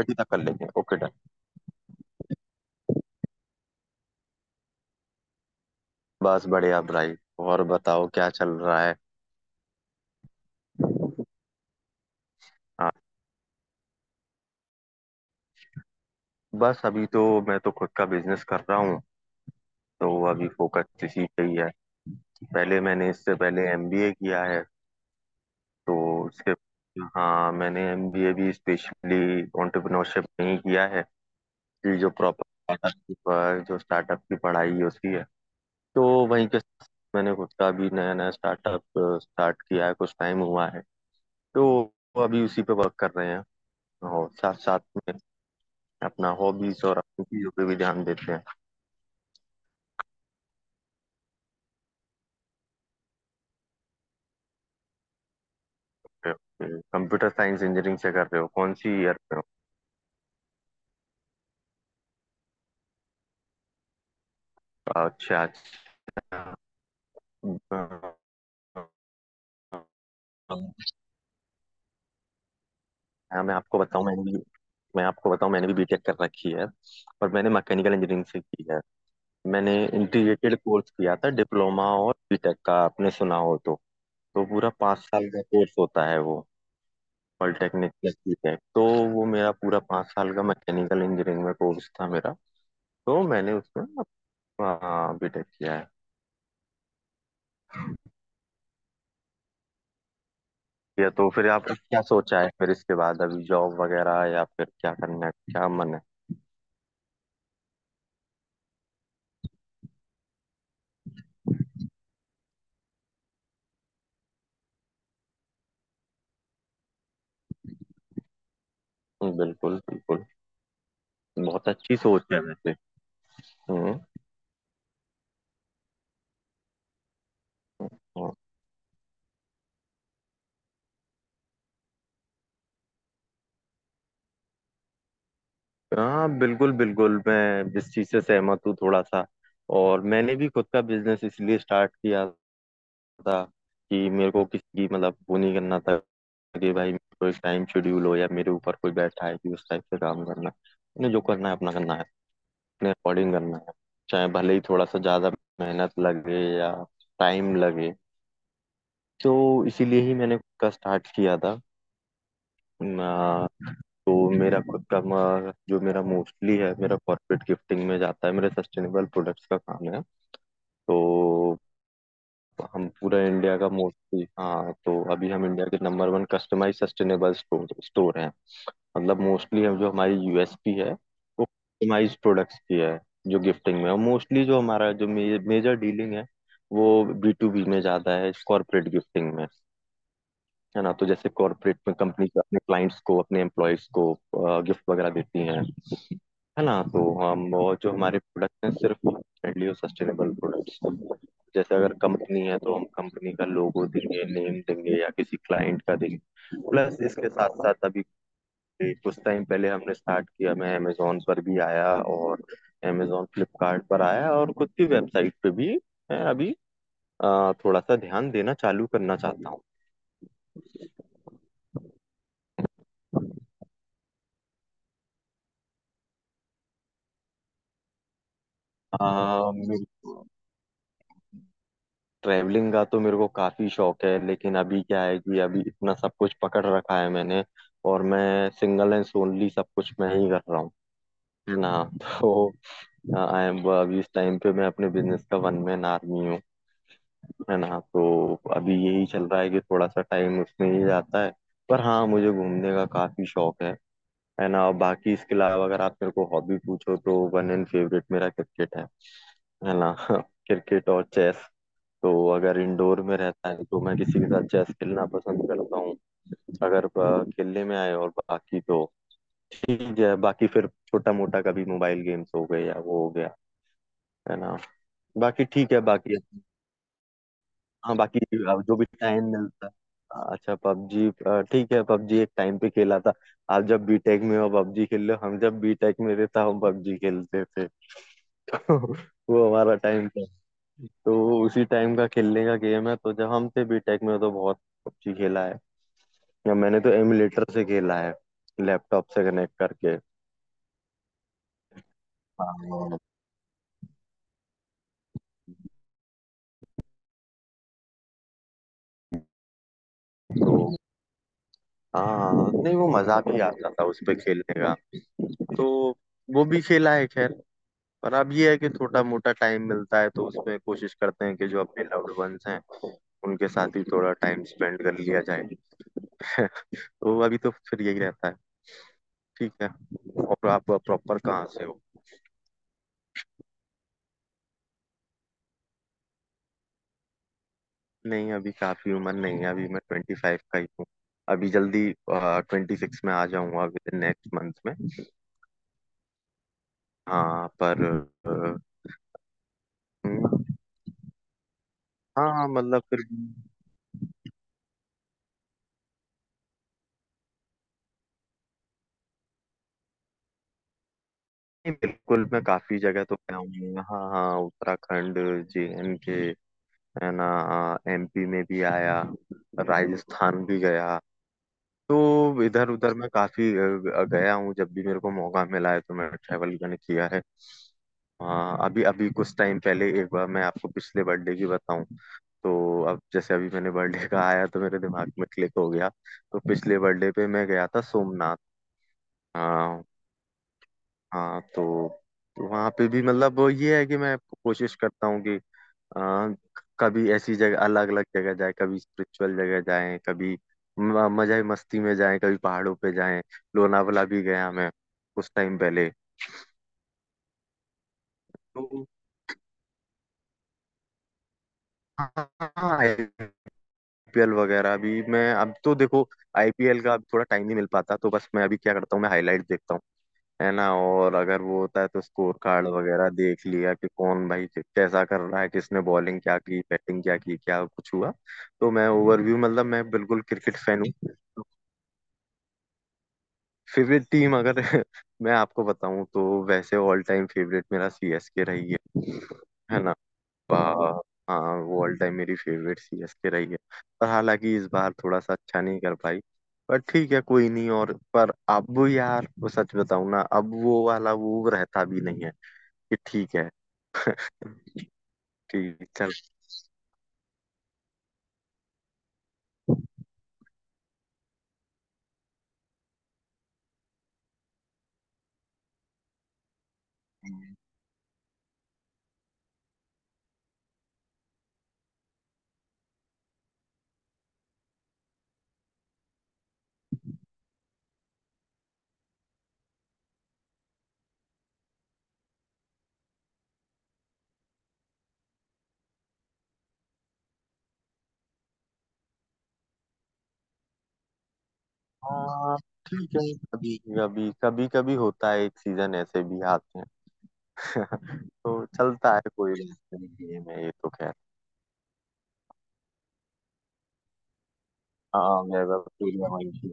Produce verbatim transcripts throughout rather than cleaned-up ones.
बैठ तक कर लेंगे ओके डन। बस बढ़िया भाई। और बताओ क्या चल रहा है। हाँ, बस अभी तो मैं तो खुद का बिजनेस कर रहा हूँ। तो अभी फोकस इसी पे ही है। पहले मैंने इससे पहले एमबीए किया है। तो उसके, हाँ मैंने एमबीए भी स्पेशली एंटरप्रेन्योरशिप में ही किया है। कि जो प्रॉपर स्टार्टअप की पर- जो स्टार्टअप की पढ़ाई है उसकी है। तो वहीं के साथ मैंने खुद का भी नया नया स्टार्टअप स्टार्ट किया है, कुछ टाइम हुआ है। तो अभी उसी पे वर्क कर रहे हैं और साथ साथ में अपना हॉबीज और अपनी चीजों पे भी ध्यान देते हैं। कंप्यूटर साइंस इंजीनियरिंग से कर रहे हो? कौन सी ईयर पे हो? अच्छा अच्छा। हाँ मैं आपको बताऊं मैंने भी मैं आपको बताऊं मैंने भी बीटेक कर रखी है। और मैंने मैकेनिकल इंजीनियरिंग से की है। मैंने इंटीग्रेटेड कोर्स किया था, डिप्लोमा और बीटेक का आपने सुना हो तो। तो पूरा पाँच साल का कोर्स होता है वो। Polytechnic plus BTech. तो वो मेरा पूरा पाँच साल का मैकेनिकल इंजीनियरिंग में कोर्स था मेरा। तो मैंने उसमें हाँ बीटेक किया है। ये तो फिर आपने क्या सोचा है फिर इसके बाद, अभी जॉब वगैरह या फिर क्या करना है, क्या मन है? हम्म, बिल्कुल बिल्कुल। बहुत अच्छी सोच है वैसे। हम्म। हाँ। हाँ, बिल्कुल बिल्कुल मैं जिस चीज से सहमत हूँ थोड़ा सा। और मैंने भी खुद का बिजनेस इसलिए स्टार्ट किया था कि मेरे को किसी मतलब वो नहीं करना था। कि भाई मेरे को एक टाइम शेड्यूल हो या मेरे ऊपर कोई बैठा है कि उस टाइप से काम करना है। मैंने जो करना है अपना करना है। अपने अकॉर्डिंग करना है। चाहे भले ही थोड़ा सा ज्यादा मेहनत लगे या टाइम लगे। तो इसीलिए ही मैंने खुद का स्टार्ट किया था। अ, तो मेरा खुद का म- जो मेरा मोस्टली है, मेरा कॉर्पोरेट गिफ्टिंग में जाता है, मेरे सस्टेनेबल प्रोडक्ट्स का काम है। तो हम पूरा इंडिया का मोस्टली, हाँ तो अभी हम इंडिया के number one customize sustainable store store हैं। मतलब मोस्टली हम, जो हमारी यूएसपी है वो कस्टमाइज्ड प्रोडक्ट्स की है। जो गिफ्टिंग में है। मोस्टली जो हमारा जो मेजर डीलिंग है वो बी टू बी में ज्यादा है, कॉर्पोरेट गिफ्टिंग में। है ना, तो जैसे कॉर्पोरेट में कंपनी अपने क्लाइंट्स को अपने एम्प्लॉयज को गिफ्ट वगैरह देती हैं। है ना, तो हम, और जो हमारे प्रोडक्ट हैं सिर्फ फ्रेंडली और सस्टेनेबल प्रोडक्ट्स। जैसे अगर कंपनी है तो हम कंपनी का लोगो देंगे, नेम देंगे, या किसी क्लाइंट का देंगे। प्लस इसके साथ साथ अभी ये कुछ टाइम पहले हमने स्टार्ट किया, मैं अमेजोन पर भी आया। और अमेजोन, फ्लिपकार्ट पर आया और खुद की वेबसाइट पे भी मैं अभी अ, थोड़ा सा ध्यान देना चालू करना चाहता हूँ। अ, मेरे को ट्रैवलिंग का तो मेरे को काफी शौक है, लेकिन अभी क्या है कि अभी इतना सब कुछ पकड़ रखा है मैंने। और मैं सिंगल एंड सोनली सब कुछ मैं ही कर रहा हूँ। है ना। तो आई एम, अभी इस टाइम पे मैं अपने बिजनेस का वन मैन आर्मी हूँ। है ना। तो अभी यही चल रहा है कि थोड़ा सा टाइम उसमें ही जाता है। पर हाँ, मुझे घूमने का काफी शौक है। है ना, और बाकी इसके अलावा अगर आप मेरे को हॉबी पूछो तो वन एंड फेवरेट मेरा क्रिकेट है। है ना। क्रिकेट और चेस। तो अगर इंडोर में रहता है तो मैं किसी के साथ चेस खेलना पसंद करता हूँ। अगर अ, खेलने में आए। और बाकी तो ठीक है, बाकी फिर छोटा मोटा कभी मोबाइल गेम्स हो गए या वो हो गया। है ना। बाकी ठीक है, बाकी हाँ बाकी अब जो भी टाइम मिलता है। अच्छा पबजी, ठीक है पबजी एक टाइम पे खेला था। आप जब बीटेक में हो पबजी खेल लो, हम जब बीटेक में रहता हम पबजी खेलते थे। तो वो हमारा टाइम था। तो उसी टाइम का खेलने का गेम है, तो जब हम थे बीटेक में तो बहुत पबजी खेला है। या मैंने तो एमुलेटर से खेला है, लैपटॉप से कनेक्ट करके। हाँ, तो हाँ, नहीं वो मजा भी आता था उस पे खेलने का। तो वो भी खेला है, खैर। पर अब ये है कि थोड़ा मोटा टाइम मिलता है तो उसमें कोशिश करते हैं कि जो अपने लव्ड वंस हैं उनके साथ ही थोड़ा टाइम स्पेंड कर लिया जाए। तो अभी तो फिर यही रहता है। ठीक है। और आप प्रॉपर कहाँ से हो? नहीं अभी काफी उम्र नहीं है, अभी मैं ट्वेंटी फाइव का ही हूँ। अभी जल्दी ट्वेंटी सिक्स में आ जाऊंगा विद इन नेक्स्ट मंथ में। हाँ पर अ, हम्म, हाँ मतलब फिर, नहीं, बिल्कुल मैं काफी जगह तो गया हूँ, हाँ हाँ, उत्तराखंड, जे एंड के। है ना। एमपी में भी आया। राजस्थान भी गया। तो इधर उधर मैं काफी अ, अ, गया हूँ जब भी मेरे को मौका मिला है तो मैं ट्रैवल मैंने किया है। हाँ अभी अभी कुछ टाइम पहले एक बार, मैं आपको पिछले बर्थडे की बताऊं। तो अब जैसे अभी मैंने बर्थडे का आया तो मेरे दिमाग में क्लिक हो गया। तो पिछले बर्थडे पे मैं गया था सोमनाथ। हाँ। हाँ, तो, तो वहाँ पे भी मतलब वो ये है कि मैं कोशिश करता हूँ कि, हाँ, कभी ऐसी जगह अलग अलग जगह जाए, कभी स्पिरिचुअल जगह जाए, कभी म- मजे मस्ती में जाए, कभी पहाड़ों पे जाए। लोनावला भी गया मैं कुछ टाइम पहले। तो हाँ, आईपीएल वगैरह भी मैं, अब तो देखो आईपीएल का अब थोड़ा टाइम नहीं मिल पाता, तो बस मैं अभी क्या करता हूँ, मैं हाईलाइट देखता हूँ। है ना, और अगर वो होता है तो स्कोर कार्ड वगैरह देख लिया कि कौन भाई कि- कैसा कर रहा है, किसने बॉलिंग क्या की, बैटिंग क्या की, क्या कुछ हुआ। तो मैं ओवरव्यू, मतलब मैं बिल्कुल क्रिकेट फैन हूँ। फेवरेट टीम अगर मैं आपको बताऊं तो वैसे ऑल टाइम फेवरेट मेरा सीएसके रही है। है ना। आ, हाँ वो ऑल टाइम मेरी फेवरेट सीएसके रही है। पर हालांकि इस बार थोड़ा सा अच्छा नहीं कर पाई। पर ठीक है कोई नहीं, और पर अब यार वो सच बताऊं ना, अब वो वाला वो रहता भी नहीं है। कि ठीक है। ठीक चल। हाँ ठीक है। कभी कभी कभी कभी होता है, एक सीजन ऐसे भी आते हैं। तो चलता है कोई बात नहीं, ये मैं, ये तो कह। हाँ मेरा प्रिय मंजू।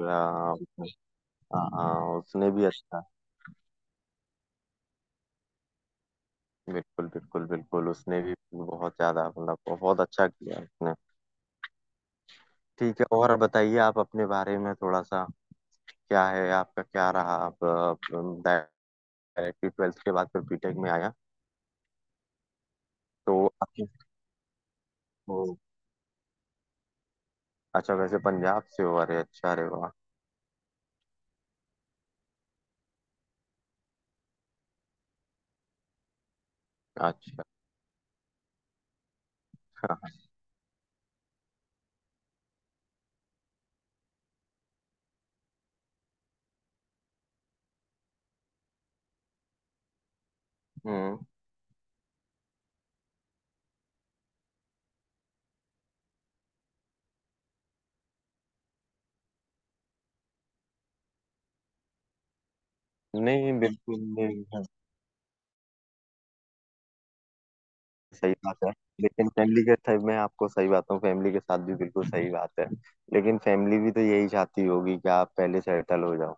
हाँ, उसने। हाँ, उसने भी अच्छा। बिल्कुल बिल्कुल बिल्कुल उसने भी बहुत ज्यादा, मतलब बहुत अच्छा किया उसने। ठीक है। और बताइए आप अपने बारे में थोड़ा सा, क्या है आपका क्या रहा? आप डायरेक्टली ट्वेल्थ के बाद फिर बीटेक में आया? तो आप, ओ, अच्छा वैसे पंजाब से हो, अरे अच्छा, अरे वाह। अच्छा। हम्म। नहीं बिल्कुल नहीं। सही बात है। लेकिन फैमिली के साथ, मैं आपको सही बात हूँ, फैमिली के साथ भी बिल्कुल सही बात है। लेकिन फैमिली भी तो यही चाहती होगी कि आप पहले सेटल हो जाओ।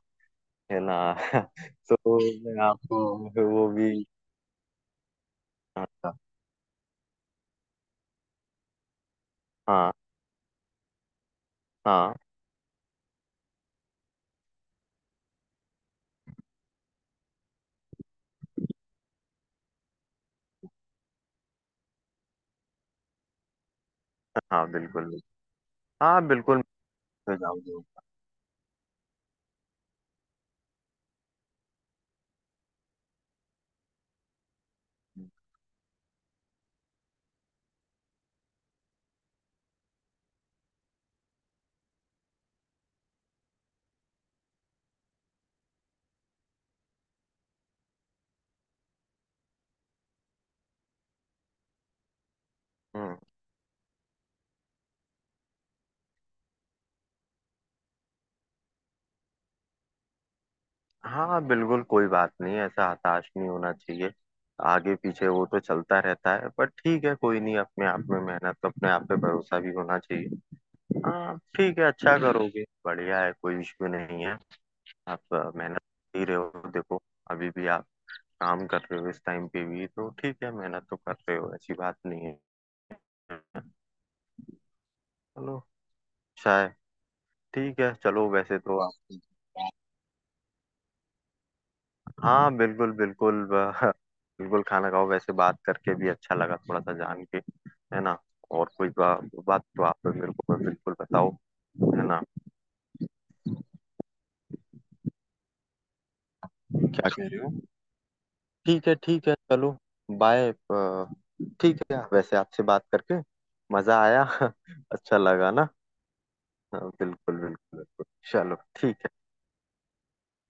है ना। तो मैं आपको वो भी, हाँ हाँ हाँ हाँ बिल्कुल। हाँ बिल्कुल मैं तो जाऊंगी। हम्म। हाँ बिल्कुल, कोई बात नहीं, ऐसा हताश नहीं होना चाहिए। आगे पीछे वो तो चलता रहता है, पर ठीक है कोई नहीं, अपने आप में मेहनत अपने आप पे भरोसा भी होना चाहिए। हाँ ठीक है, अच्छा करोगे, बढ़िया है, कोई इश्यू नहीं है। आप अ, मेहनत कर ही रहे हो देखो। अभी भी आप काम कर रहे हो, इस टाइम पे भी तो ठीक है, मेहनत तो कर रहे हो, ऐसी बात नहीं है। चलो। अच्छा है। ठीक है चलो, वैसे तो आप, हाँ बिल्कुल बिल्कुल ब- बिल्कुल खाना खाओ, वैसे बात करके भी अच्छा लगा थोड़ा सा जान के। है ना। और कोई बा, बात तो आप मेरे को बिल्कुल बताओ। है ना। क्या कह रहे हो? ठीक है ठीक है चलो। बाय अ, ठीक है। वैसे आपसे बात करके मजा आया। अच्छा लगा ना। हाँ, बिल्कुल बिल्कुल बिल्कुल। चलो। ठीक है।